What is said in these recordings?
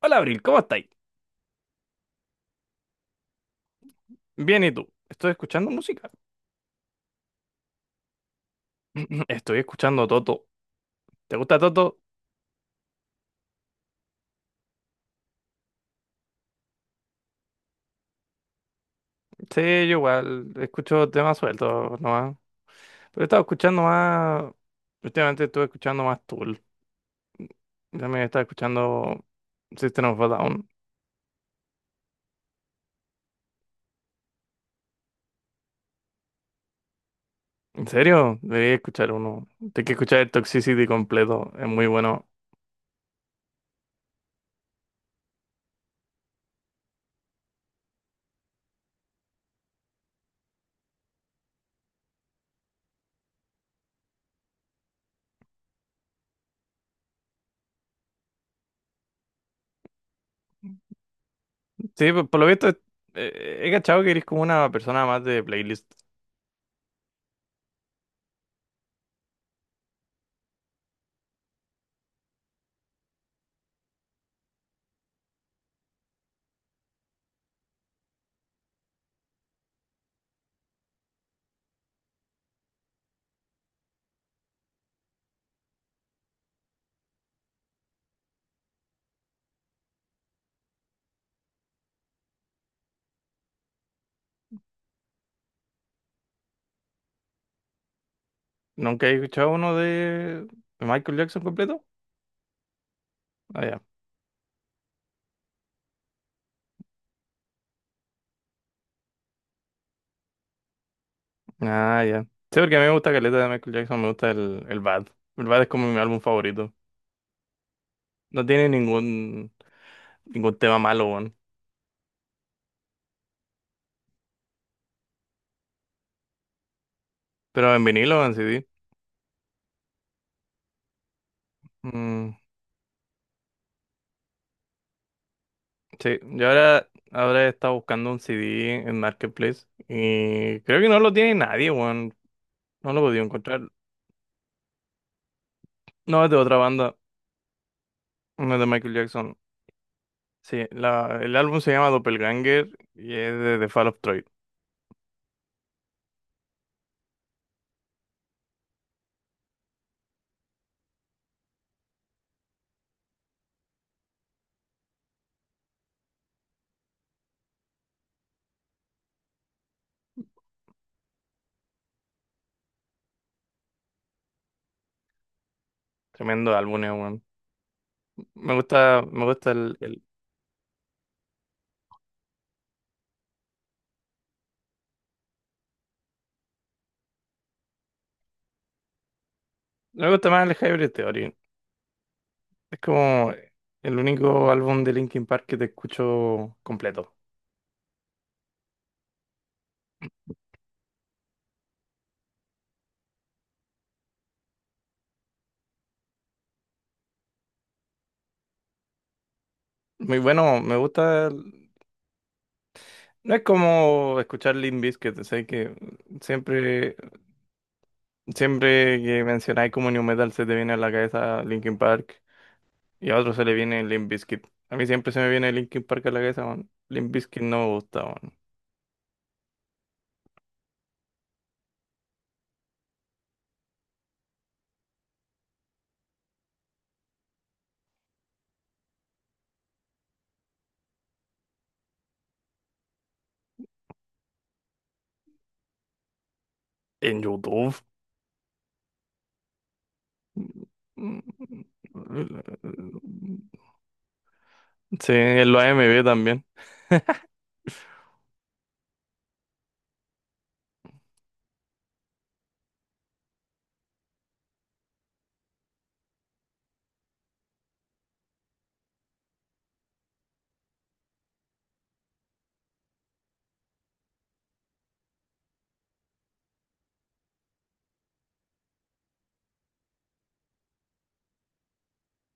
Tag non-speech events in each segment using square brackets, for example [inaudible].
Hola Abril, ¿cómo estáis? Bien, ¿y tú? Estoy escuchando música. [clears throat] Estoy escuchando Toto. ¿Te gusta Toto? Sí, yo igual escucho temas sueltos nomás. Pero he estado escuchando más. Últimamente estuve escuchando más Tool. También estaba escuchando System of a Down. ¿En serio? Debería escuchar uno. Tengo que escuchar el Toxicity completo. Es muy bueno. Sí, por lo visto, he cachado que eres como una persona más de playlist. ¿Nunca he escuchado uno de Michael Jackson completo? Ah, ya. Sí, porque a mí me gusta Caleta de Michael Jackson, me gusta el Bad. El Bad es como mi álbum favorito. No tiene ningún tema malo, weón. Pero en vinilo o en CD. Mm, sí, yo ahora he estado buscando un CD en Marketplace y creo que no lo tiene nadie, weón. No lo he podido encontrar. No, es de otra banda, no es de Michael Jackson. Sí, el álbum se llama Doppelganger y es de The Fall of Troy. Tremendo álbum, weón. Me gusta, me gusta el, el- me gusta más el Hybrid Theory. Es como el único álbum de Linkin Park que te escucho completo. Muy bueno, me gusta. No es como escuchar Limp Bizkit, sé que siempre, siempre que mencionáis como New Metal se te viene a la cabeza Linkin Park y a otro se le viene Limp Bizkit. A mí siempre se me viene Linkin Park a la cabeza, man. Limp Bizkit no me gusta, man. En YouTube. Mm, sí, en los A M V también.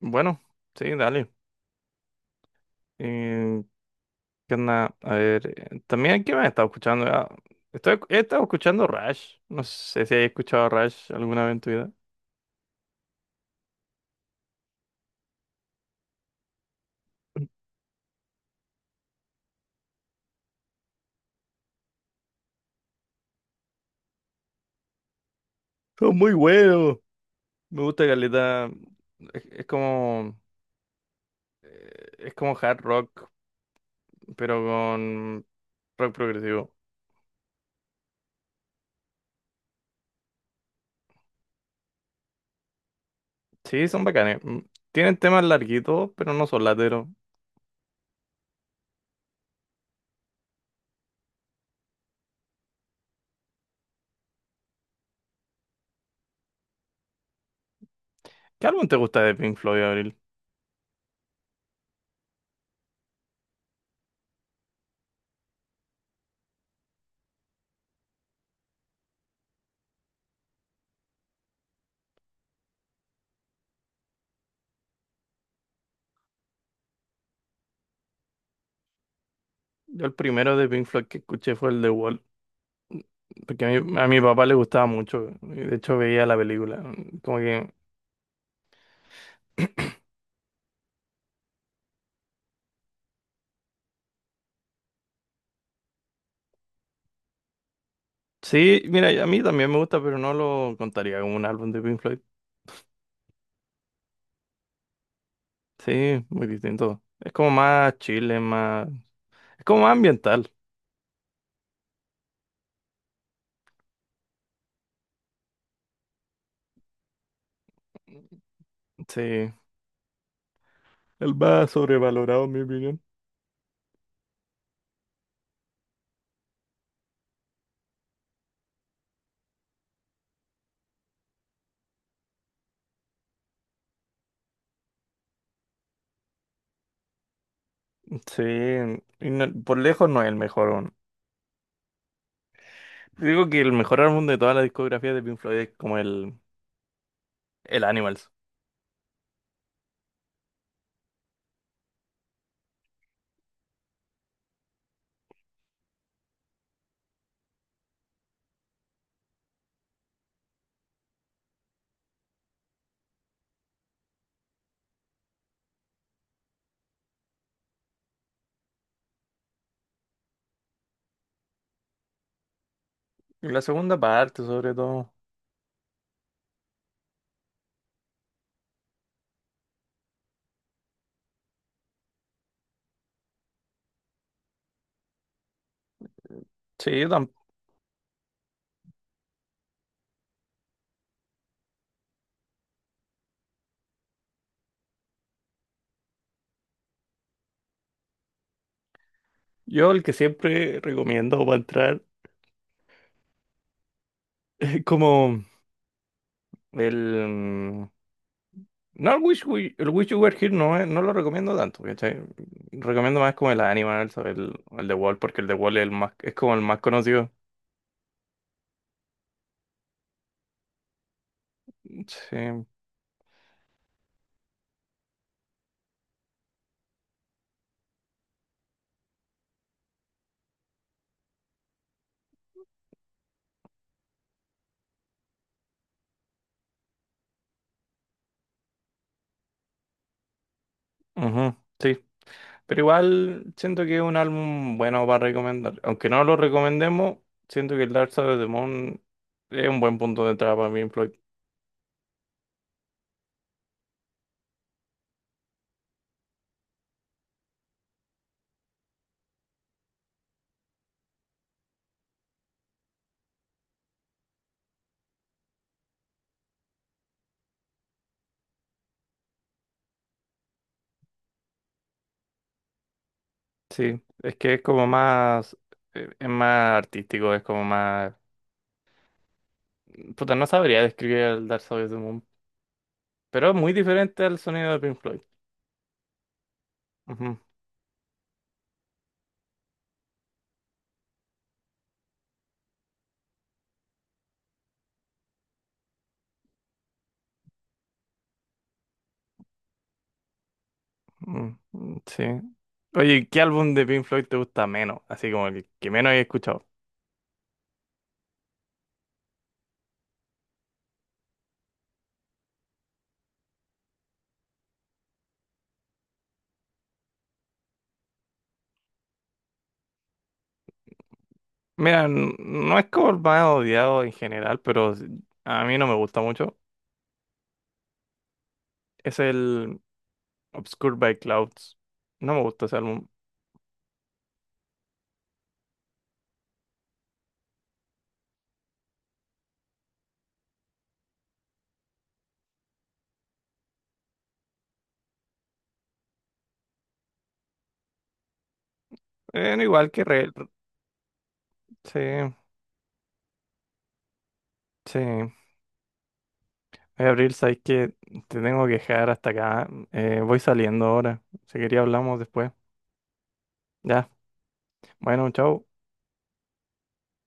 Bueno, sí, dale. Eh, ¿Qué onda? A ver, también aquí me he estado escuchando. He estado escuchando Rush. No sé si has escuchado Rush alguna vez en tu vida. Son muy buenos. Me gusta Caleta. Es, es como. Es como hard rock, pero con rock progresivo. Sí, son bacanes. Mm, tienen temas larguitos, pero no son lateros. ¿Qué álbum te gusta de Pink Floyd, Abril? Yo el primero de Pink Floyd que escuché fue el de Wall, porque a mi papá le gustaba mucho. Y de hecho, veía la película. Mm, Como que Sí, mira, a mí también me gusta, pero no lo contaría como un álbum de Pink Floyd. Sí, muy distinto. Es como más chile, más... Es como más ambiental. Sí. El más sobrevalorado, en mi opinión. Sí, por lejos no es el mejor, weón. Digo que el mejor álbum de toda la discografía de Pink Floyd es como el Animals. Y la segunda parte, sobre todo. Sí, yo, tam- yo el que siempre recomiendo para entrar [laughs] es como el. No, el el Wish You Were Here no, no lo recomiendo tanto, ¿cachai? Recomiendo más como el Animal, ¿sabes? El The Wall, porque el The Wall es como el más conocido. Sí, ujú, sí. Pero igual siento que es un álbum bueno para recomendar. Aunque no lo recomendemos, siento que el Dark Side of the Moon es un buen punto de entrada para Pink Floyd. Sí, es que es como es más artístico, es como más... Puta, no sabría describir el Dark Side of the Moon, pero es muy diferente al sonido de Pink Floyd. Ujú. Sí. Oye, ¿qué álbum de Pink Floyd te gusta menos? Así como el que menos he escuchado. Mira, no es como el más odiado en general, pero a mí no me gusta mucho. Es el Obscured by Clouds. No me gusta ese álbum. No igual que Re... Sí, sí. Oye, Abril, sabes que te tengo que dejar hasta acá. Voy saliendo ahora. Si quería hablamos después. Ya. Bueno, chao.